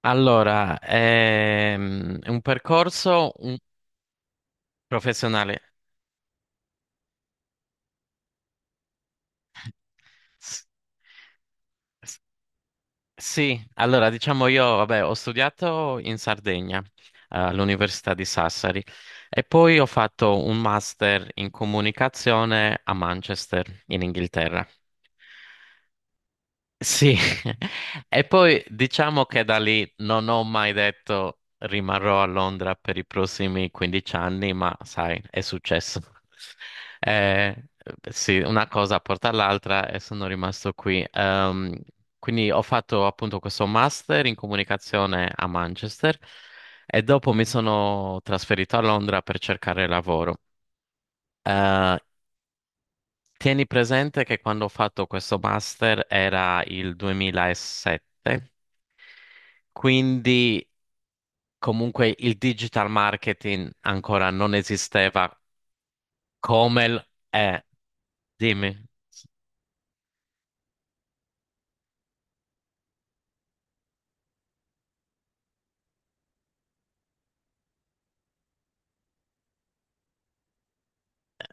È un percorso professionale. S- s- sì, allora diciamo io, vabbè, ho studiato in Sardegna, all'Università di Sassari e poi ho fatto un master in comunicazione a Manchester, in Inghilterra. Sì, e poi diciamo che da lì non ho mai detto rimarrò a Londra per i prossimi 15 anni, ma sai, è successo. Eh, sì, una cosa porta all'altra e sono rimasto qui. Quindi ho fatto appunto questo master in comunicazione a Manchester e dopo mi sono trasferito a Londra per cercare lavoro. Eh, Tieni presente che quando ho fatto questo master era il 2007. Quindi comunque il digital marketing ancora non esisteva come è. Dimmi.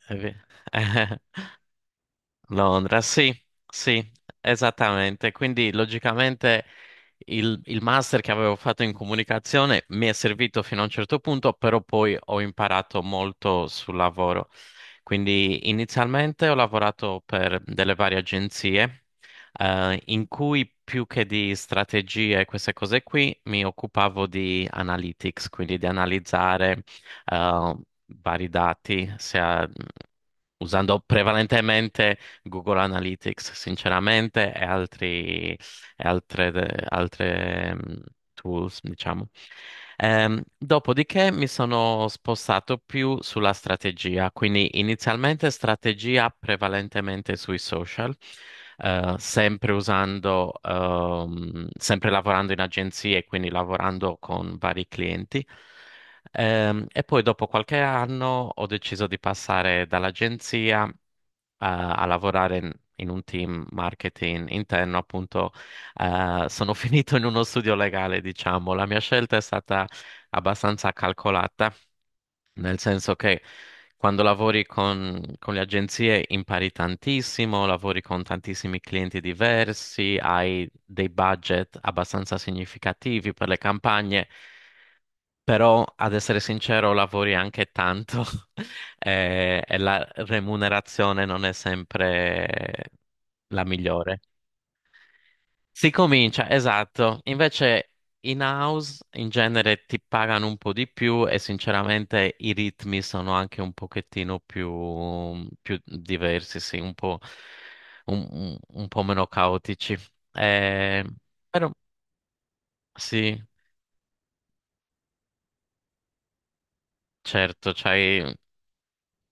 Eh, vi- Londra, sì, sì, esattamente. Quindi logicamente il master che avevo fatto in comunicazione mi è servito fino a un certo punto, però poi ho imparato molto sul lavoro. Quindi inizialmente ho lavorato per delle varie agenzie, in cui più che di strategie e queste cose qui mi occupavo di analytics, quindi di analizzare, eh, vari dati, sia usando prevalentemente Google Analytics, sinceramente, e altri, e altre, altre, mm, tools, diciamo. Dopodiché mi sono spostato più sulla strategia, quindi inizialmente strategia prevalentemente sui social, sempre sempre lavorando in agenzie, quindi lavorando con vari clienti. E poi dopo qualche anno ho deciso di passare dall'agenzia a lavorare in un team marketing interno, appunto, sono finito in uno studio legale, diciamo. La mia scelta è stata abbastanza calcolata, nel senso che quando lavori con le agenzie impari tantissimo, lavori con tantissimi clienti diversi, hai dei budget abbastanza significativi per le campagne. Però, ad essere sincero, lavori anche tanto e la remunerazione non è sempre la migliore. Si comincia, esatto. Invece in house in genere ti pagano un po' di più e sinceramente i ritmi sono anche un pochettino più diversi, sì, un po', un po' meno caotici. Eh, Però sì, certo, c'hai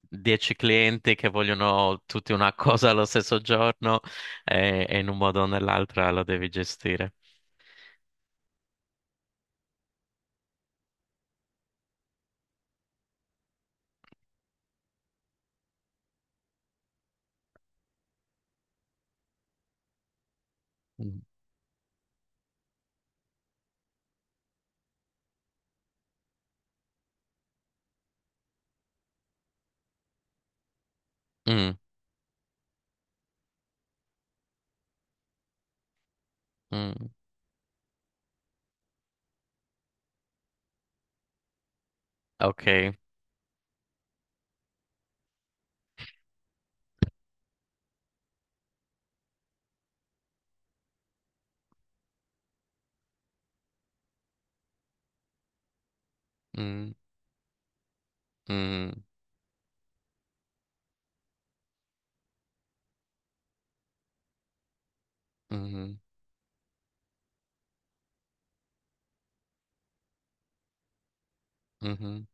10 clienti che vogliono tutti una cosa allo stesso giorno e in un modo o nell'altro lo devi gestire. Mm, mm, mm, ok. Mm, mm, mhm, mhm.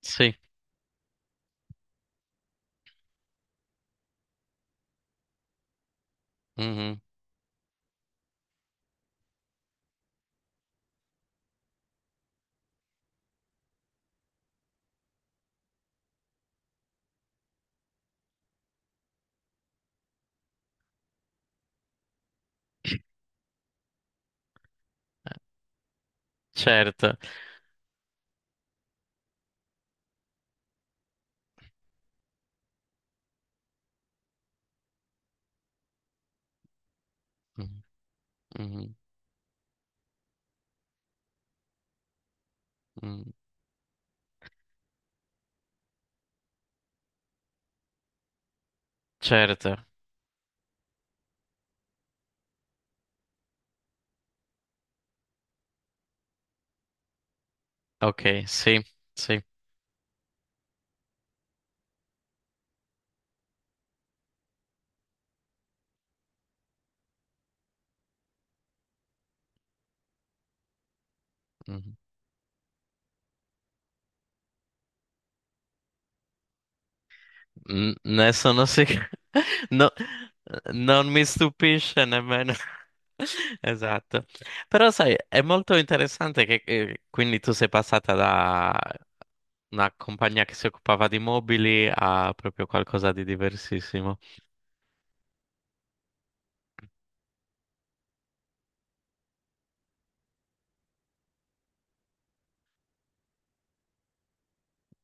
Sì, mhm, certo. Mm, mhm, mm, certo. Ok, sì, sì. Mhm. Ne sono sicuro. No, non mi stupisce nemmeno. Esatto. Però sai, è molto interessante che, quindi tu sei passata da una compagnia che si occupava di mobili a proprio qualcosa di diversissimo.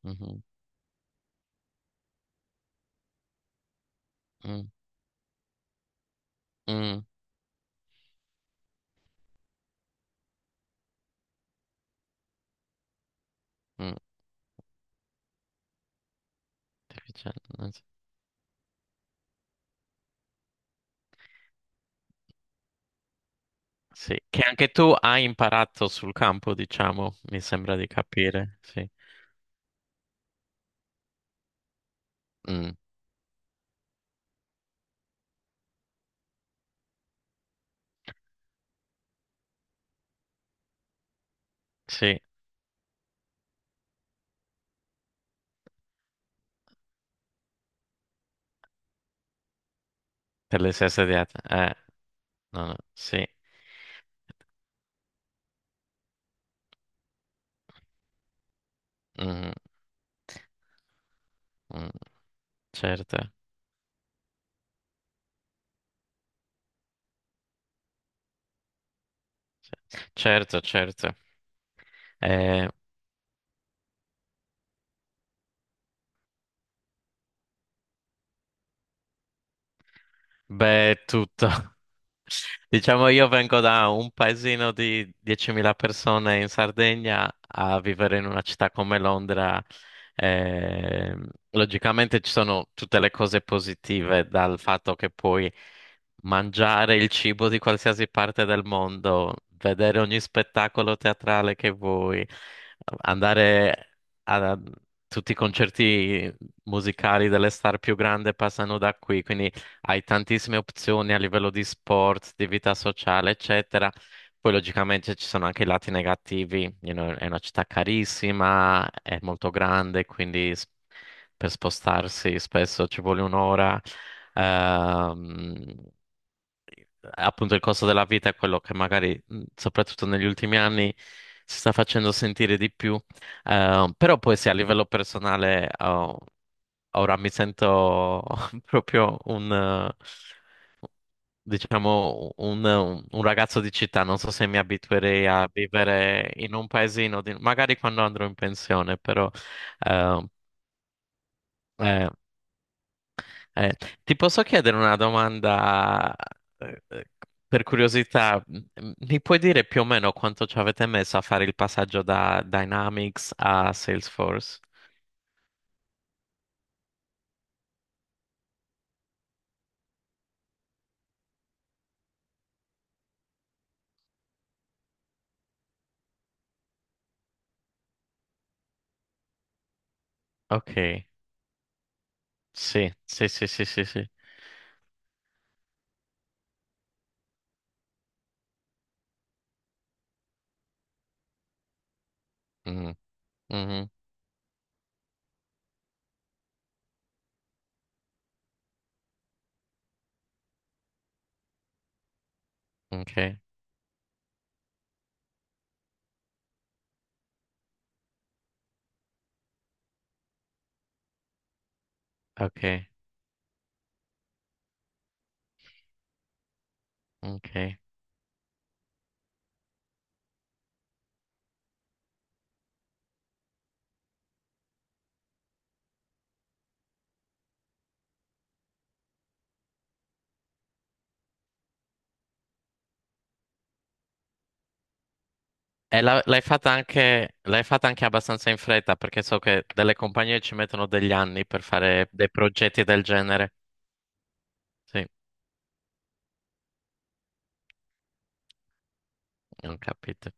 Mhm, mm, mm, mm. Deficienza. Sì, che anche tu hai imparato sul campo, diciamo, mi sembra di capire. Sì, mm, sì, per le stesse diete. No, no, sì. Mhm. Mm, certo, certo, certo. Eh, Beh, è tutto. Diciamo, io vengo da un paesino di 10.000 persone in Sardegna a vivere in una città come Londra. Eh, logicamente ci sono tutte le cose positive dal fatto che puoi mangiare il cibo di qualsiasi parte del mondo, vedere ogni spettacolo teatrale che vuoi, andare a tutti i concerti musicali delle star più grandi passano da qui, quindi hai tantissime opzioni a livello di sport, di vita sociale, eccetera. Poi logicamente ci sono anche i lati negativi, you know, è una città carissima, è molto grande, quindi per spostarsi spesso ci vuole un'ora. Ehm, Appunto il costo della vita è quello che magari, soprattutto negli ultimi anni, si sta facendo sentire di più. Però poi sì, a livello personale, oh, ora mi sento proprio un diciamo, un ragazzo di città, non so se mi abituerei a vivere in un paesino, di- magari quando andrò in pensione, però... eh, eh, eh, Ti posso chiedere una domanda, eh, eh, per curiosità? Mi puoi dire più o meno quanto ci avete messo a fare il passaggio da Dynamics a Salesforce? Ok, sì, sì, sì, sì, sì, sì. Mm, mhm, ok, ok, ok. E l'hai fatta anche abbastanza in fretta perché so che delle compagnie ci mettono degli anni per fare dei progetti del genere. Sì, ho capito.